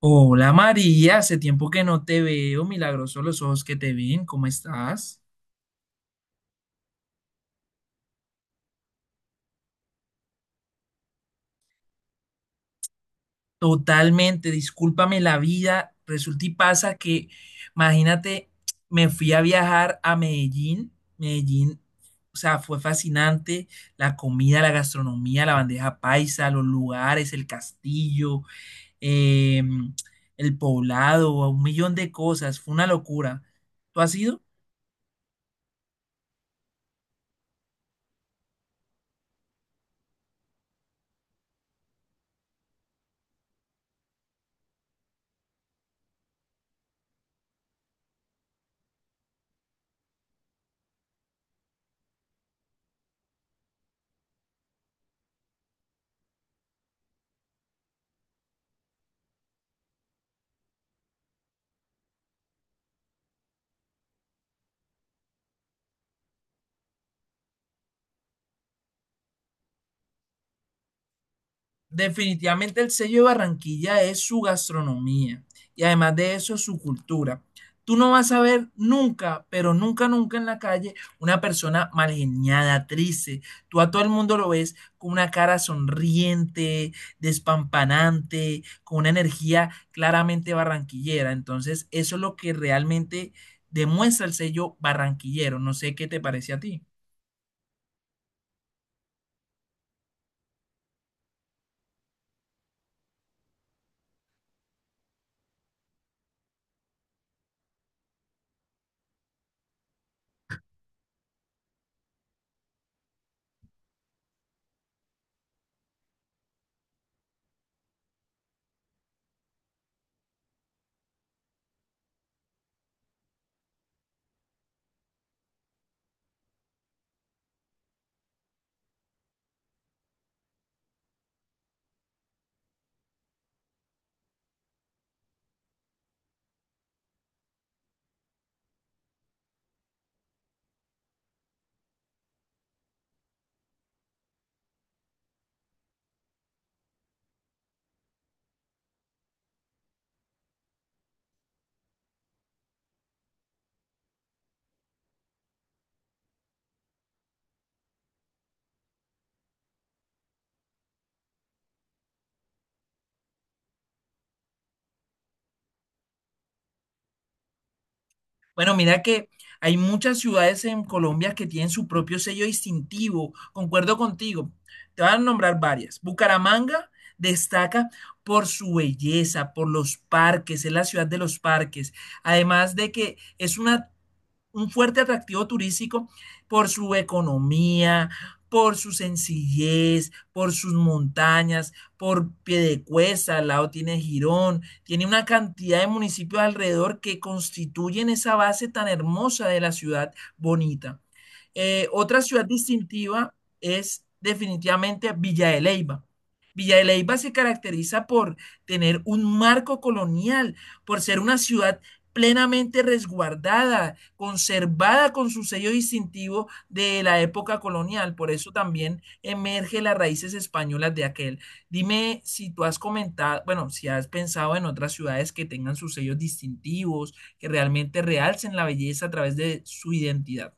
Hola María, hace tiempo que no te veo, milagroso los ojos que te ven, ¿cómo estás? Totalmente, discúlpame la vida, resulta y pasa que, imagínate, me fui a viajar a Medellín, Medellín, o sea, fue fascinante, la comida, la gastronomía, la bandeja paisa, los lugares, el castillo, em, el poblado, un millón de cosas, fue una locura. ¿Tú has ido? Definitivamente el sello de Barranquilla es su gastronomía y además de eso su cultura. Tú no vas a ver nunca, pero nunca, nunca en la calle una persona malgeniada, triste. Tú a todo el mundo lo ves con una cara sonriente, despampanante, con una energía claramente barranquillera. Entonces, eso es lo que realmente demuestra el sello barranquillero. No sé qué te parece a ti. Bueno, mira que hay muchas ciudades en Colombia que tienen su propio sello distintivo. Concuerdo contigo. Te van a nombrar varias. Bucaramanga destaca por su belleza, por los parques, es la ciudad de los parques. Además de que es una un fuerte atractivo turístico por su economía, por su sencillez, por sus montañas, por Piedecuesta, al lado tiene Girón, tiene una cantidad de municipios alrededor que constituyen esa base tan hermosa de la ciudad bonita. Otra ciudad distintiva es definitivamente Villa de Leyva. Villa de Leyva se caracteriza por tener un marco colonial, por ser una ciudad plenamente resguardada conservada con sus sellos distintivos de la época colonial. Por eso también emerge las raíces españolas de aquel. Dime si tú has comentado, bueno, si has pensado en otras ciudades que tengan sus sellos distintivos, que realmente realcen la belleza a través de su identidad.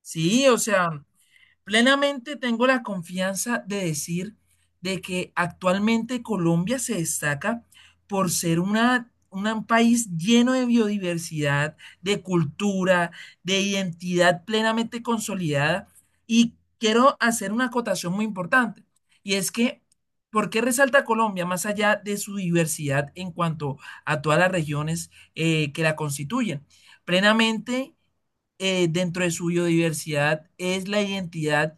Sí, o sea, plenamente tengo la confianza de decir de que actualmente Colombia se destaca por ser una- un país lleno de biodiversidad, de cultura, de identidad plenamente consolidada. Y quiero hacer una acotación muy importante, y es que, ¿por qué resalta Colombia más allá de su diversidad en cuanto a todas las regiones que la constituyen? Plenamente, dentro de su biodiversidad es la identidad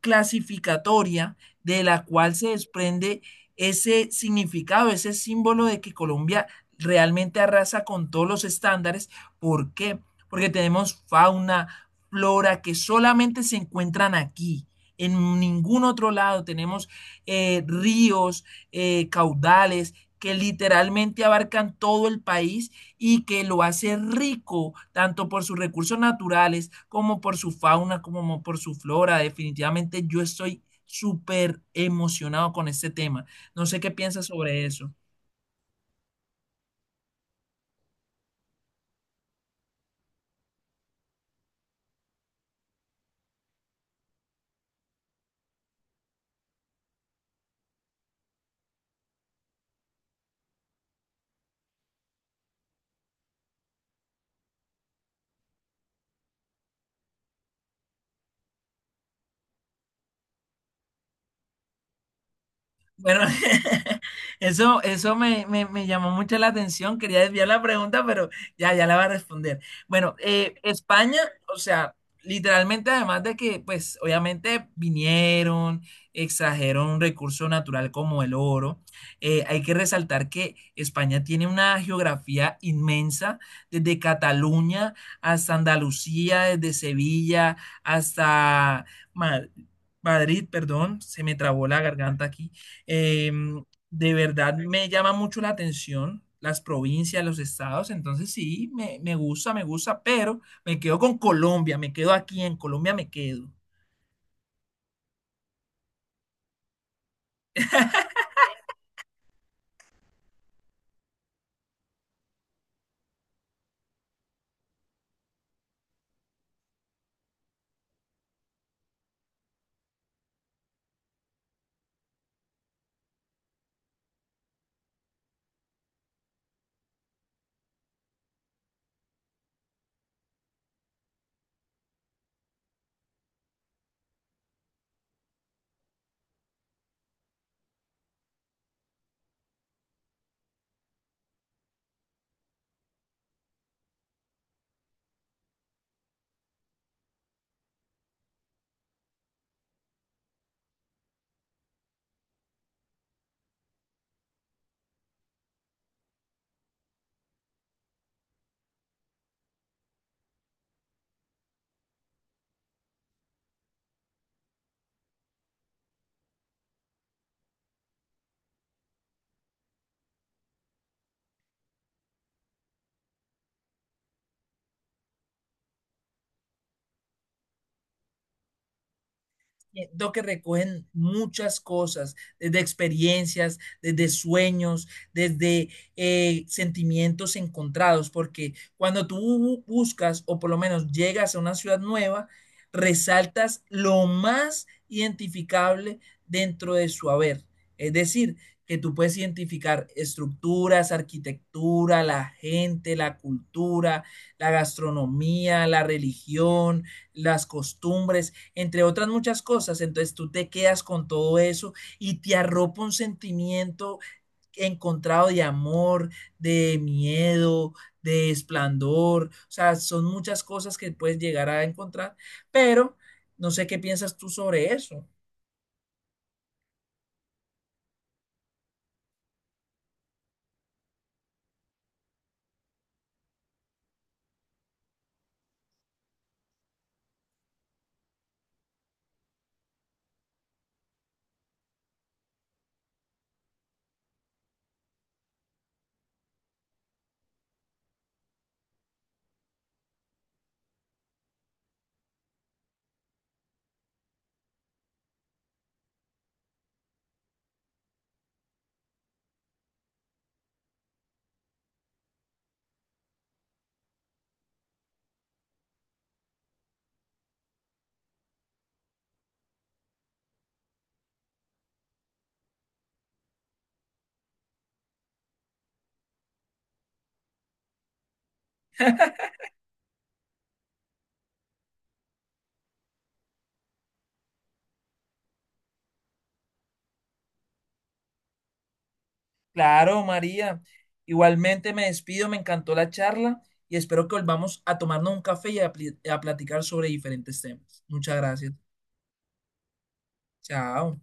clasificatoria de la cual se desprende ese significado, ese símbolo de que Colombia realmente arrasa con todos los estándares. ¿Por qué? Porque tenemos fauna, flora que solamente se encuentran aquí. En ningún otro lado tenemos ríos, caudales que literalmente abarcan todo el país y que lo hace rico tanto por sus recursos naturales como por su fauna, como por su flora. Definitivamente yo estoy súper emocionado con este tema. No sé qué piensas sobre eso. Bueno, eso, me llamó mucho la atención. Quería desviar la pregunta, pero ya la va a responder. Bueno, España, o sea, literalmente, además de que, pues, obviamente vinieron, extrajeron un recurso natural como el oro, hay que resaltar que España tiene una geografía inmensa, desde Cataluña hasta Andalucía, desde Sevilla hasta Ma- Madrid, perdón, se me trabó la garganta aquí. eh, de verdad me llama mucho la atención las provincias, los estados, entonces sí, me gusta, pero me quedo con Colombia, me quedo aquí, en Colombia me quedo. Siento que recogen muchas cosas, desde experiencias, desde sueños, desde, sentimientos encontrados, porque cuando tú buscas o por lo menos llegas a una ciudad nueva, resaltas lo más identificable dentro de su haber. Es decir, que tú puedes identificar estructuras, arquitectura, la gente, la cultura, la gastronomía, la religión, las costumbres entre otras muchas cosas. Entonces tú te quedas con todo eso y te arropa un sentimiento encontrado de amor, de miedo, de esplendor. O sea, son muchas cosas que puedes llegar a encontrar, pero no sé qué piensas tú sobre eso. Claro, María. Igualmente me despido, me encantó la charla y espero que volvamos a tomarnos un café y a a platicar sobre diferentes temas. Muchas gracias. Chao.